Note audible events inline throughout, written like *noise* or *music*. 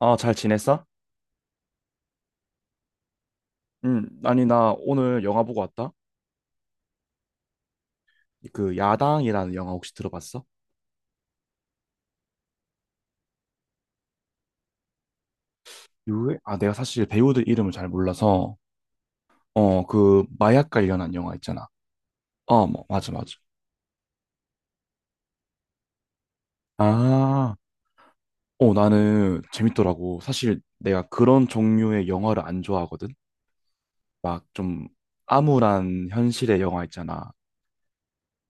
아, 잘 지냈어? 응, 아니, 나 오늘 영화 보고 왔다. 그, 야당이라는 영화 혹시 들어봤어? 유 아, 내가 사실 배우들 이름을 잘 몰라서, 어, 그, 마약 관련한 영화 있잖아. 어, 뭐, 맞아, 맞아. 아, 어, 나는 재밌더라고. 사실 내가 그런 종류의 영화를 안 좋아하거든? 막 좀 암울한 현실의 영화 있잖아.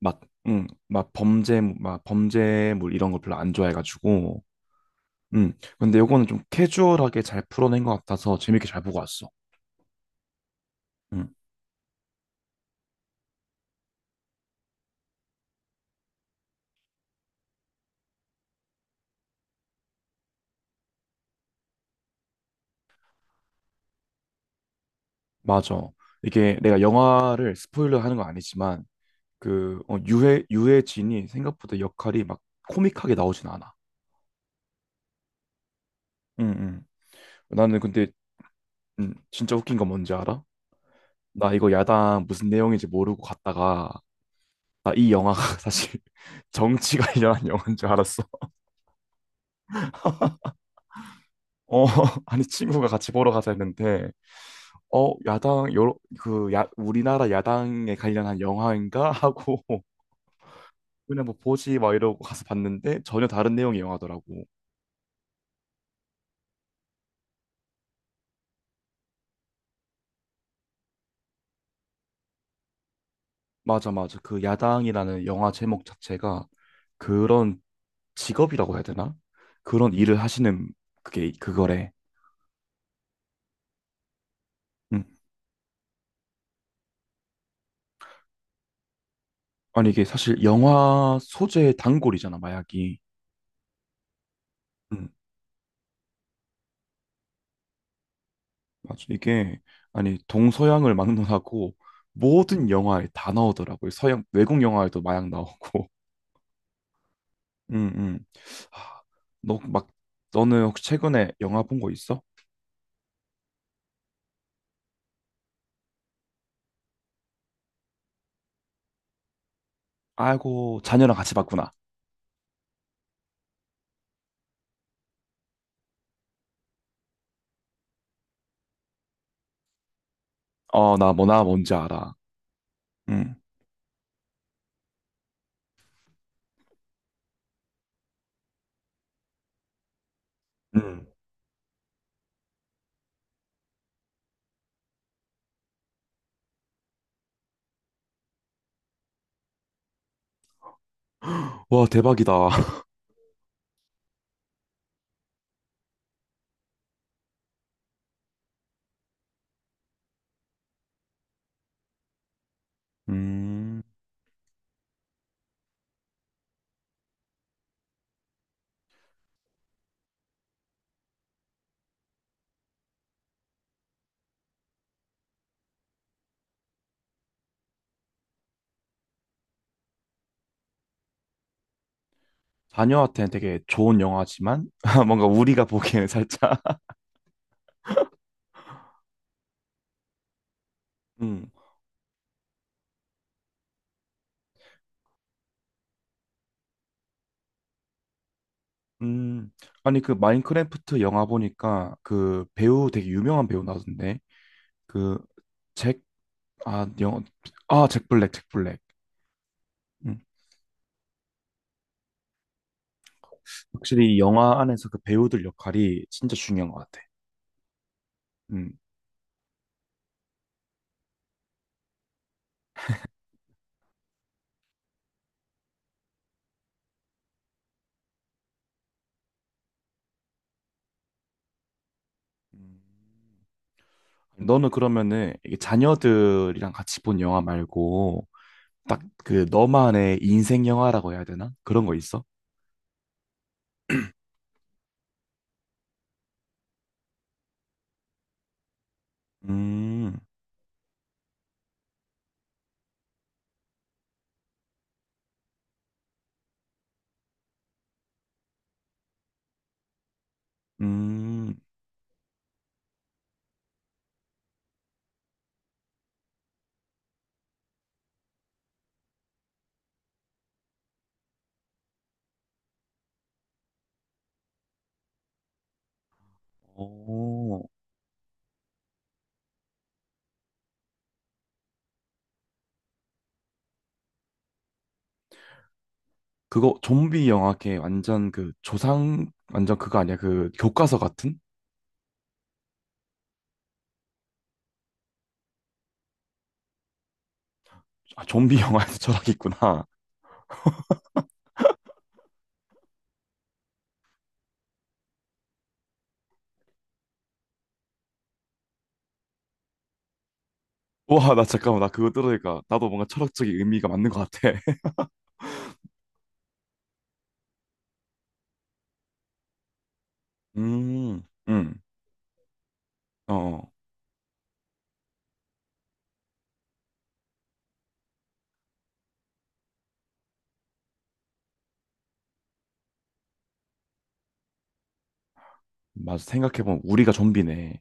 막, 응, 막 범죄, 막 범죄물 이런 거 별로 안 좋아해가지고. 음. 근데 요거는 좀 캐주얼하게 잘 풀어낸 것 같아서 재밌게 잘 보고 왔어. 음. 맞아. 이게 내가 영화를 스포일러 하는 건 아니지만 그 어, 유해진이 생각보다 역할이 막 코믹하게 나오진 않아. 음, 음. 나는 근데 진짜 웃긴 건 뭔지 알아? 나 이거 야당 무슨 내용인지 모르고 갔다가 나 이 영화가 *laughs* 사실 정치 관련한 *laughs* 영화인 줄 알았어. 어, *laughs* 아니 친구가 같이 보러 가자 했는데 어, 야당 여러 그 야, 우리나라 야당에 관련한 영화인가 하고 *laughs* 그냥 뭐 보지 막 이러고 가서 봤는데 전혀 다른 내용의 영화더라고. 맞아, 맞아. 그 야당이라는 영화 제목 자체가 그런 직업이라고 해야 되나? 그런 일을 하시는 그게 그거래. 음. 아니 이게 사실 영화 소재의 단골이잖아, 마약이. 음. 맞아. 이게 아니 동서양을 막론하고 모든 영화에 다 나오더라고요. 서양 외국 영화에도 마약 나오고. 음, 음. 하, 너 막, 너는 혹시 최근에 영화 본 거 있어? 아이고, 자녀랑 같이 봤구나. 어, 나 뭐, 나 뭔지 알아. 음. 음. 와, 대박이다. *laughs* 음, 자녀한테는 되게 좋은 영화지만, *laughs* 뭔가 우리가 보기에는 살짝. *laughs* 음, 음. 아니, 그 마인크래프트 영화 보니까 그 배우 되게 유명한 배우 나오던데. 그, 잭, 아, 영, 아, 잭 블랙, 잭 블랙. 음. 확실히 이 영화 안에서 그 배우들 역할이 진짜 중요한 것 같아. 음. 음. 너는 그러면은 이게 자녀들이랑 같이 본 영화 말고 딱 그 너만의 인생 영화라고 해야 되나? 그런 거 있어? 음. 음. 오. 그거 좀비 영화 걔 완전 그 조상 완전 그거 아니야? 그 교과서 같은? 아, 좀비 영화에서 *laughs* 철학이 있구나. 와, 나 잠깐만 나 그거 들으니까 나도 뭔가 철학적인 의미가 맞는 것 같아. *laughs* 음. 음. 어. 맞아. 생각해보면 우리가 좀비네.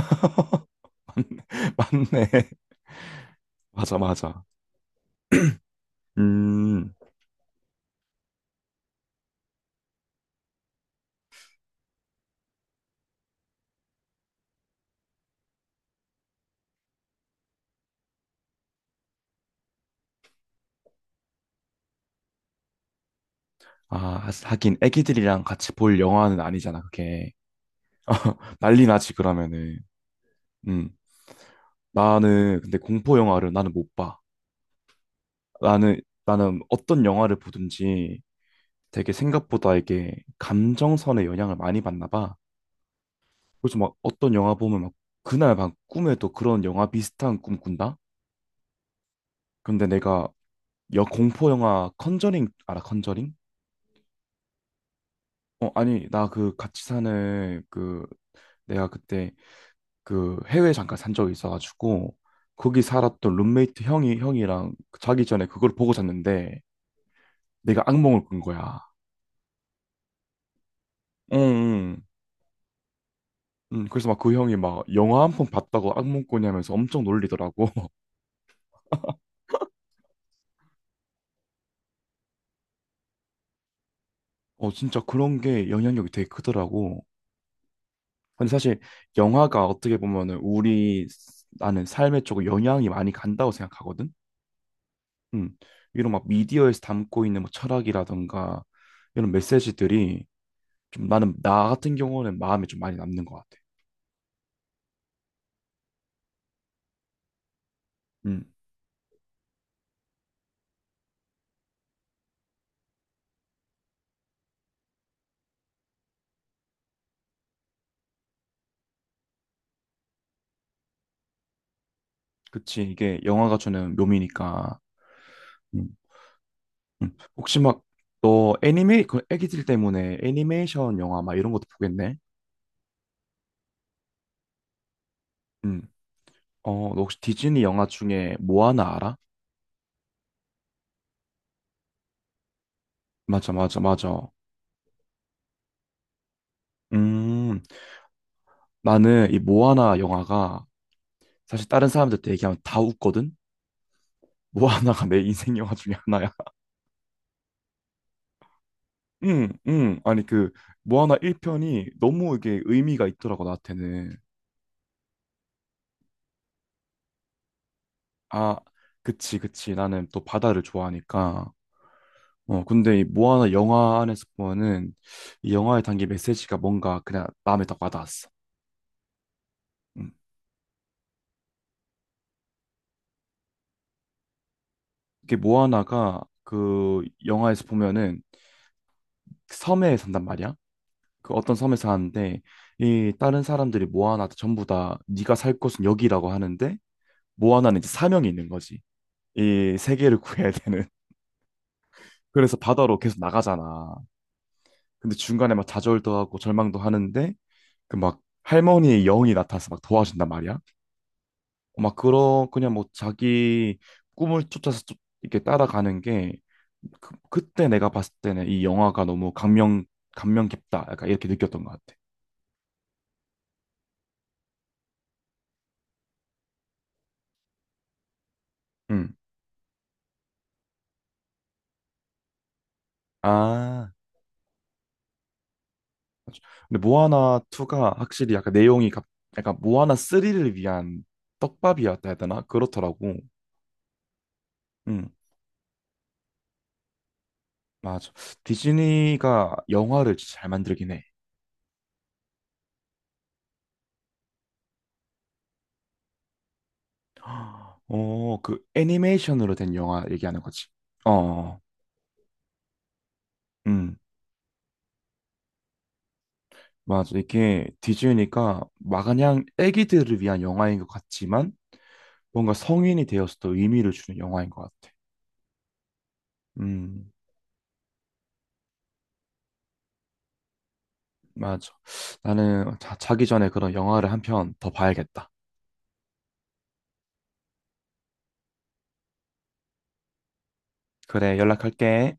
*laughs* 맞네. *laughs* 맞아, 맞아. 음. 아, 하긴 애기들이랑 같이 볼 영화는 아니잖아, 그게. 난리 나지, 그러면은. 음. 나는 근데 공포 영화를 나는 못 봐. 나는 나는 어떤 영화를 보든지 되게 생각보다 이게 감정선의 영향을 많이 받나 봐. 그래서 막 어떤 영화 보면 막 그날 막 꿈에도 그런 영화 비슷한 꿈 꾼다? 근데 내가 여 공포 영화 컨저링 알아? 컨저링? 어, 아니, 나 그 같이 사는 그 내가 그때 그 해외 잠깐 산 적이 있어가지고 거기 살았던 룸메이트 형이랑 그 자기 전에 그걸 보고 잤는데 내가 악몽을 꾼 거야. 응, 응. 응, 그래서 막 그 형이 막 영화 한 편 봤다고 악몽 꾸냐면서 엄청 놀리더라고. *laughs* 어, 진짜 그런 게 영향력이 되게 크더라고. 근데 사실 영화가 어떻게 보면은 우리 나는 삶에 조금 영향이 많이 간다고 생각하거든. 음, 이런 막 미디어에서 담고 있는 뭐 철학이라든가 이런 메시지들이 좀 나는 나 같은 경우는 마음에 좀 많이 남는 것 같아. 음, 그치. 이게 영화가 주는 묘미니까. 음. 혹시 막 너 애니메이 그 애기들 때문에 애니메이션 영화 막 이런 것도 보겠네. 음, 어, 너 혹시 디즈니 영화 중에 모아나 알아? 맞아, 맞아, 맞아. 음, 나는 이 모아나 영화가 사실 다른 사람들한테 얘기하면 다 웃거든. 모아나가 내 인생 영화 중에 하나야. 응, 응. 아니 그 모아나 1편이 너무 이게 의미가 있더라고 나한테는. 아, 그치, 그치. 나는 또 바다를 좋아하니까. 어, 근데 이 모아나 영화 안에서 보면은 이 영화에 담긴 메시지가 뭔가 그냥 마음에 딱 와닿았어. 음. 이게 모아나가 그 영화에서 보면은 그 섬에 산단 말이야. 그 어떤 섬에 사는데 이 다른 사람들이 모아나한테 전부 다 네가 살 곳은 여기라고 하는데 모아나는 이제 사명이 있는 거지. 이 세계를 구해야 되는. 그래서 바다로 계속 나가잖아. 근데 중간에 막 좌절도 하고 절망도 하는데 그 막 할머니의 영이 나타나서 막 도와준단 말이야. 어, 막 그런 그냥 뭐 자기 꿈을 쫓아서 이렇게 따라가는 게 그, 그때 내가 봤을 때는 이 영화가 너무 감명 깊다. 약간 이렇게 느꼈던 것 같아. 음 아. 맞아. 근데 모아나 2가 확실히 약간 내용이 약간 모아나 3를 위한 떡밥이었다 해야 되나? 그렇더라고. 음. 맞아. 디즈니가 영화를 진짜 잘 만들긴 해. 어, 그 애니메이션으로 된 영화 얘기하는 거지. 어, 어, 어. 음, 맞아. 이게 디즈니가 마냥 애기들을 위한 영화인 것 같지만 뭔가 성인이 되어서도 의미를 주는 영화인 것 같아. 음, 맞아. 나는 자기 전에 그런 영화를 한 편 더 봐야겠다. 그래, 연락할게.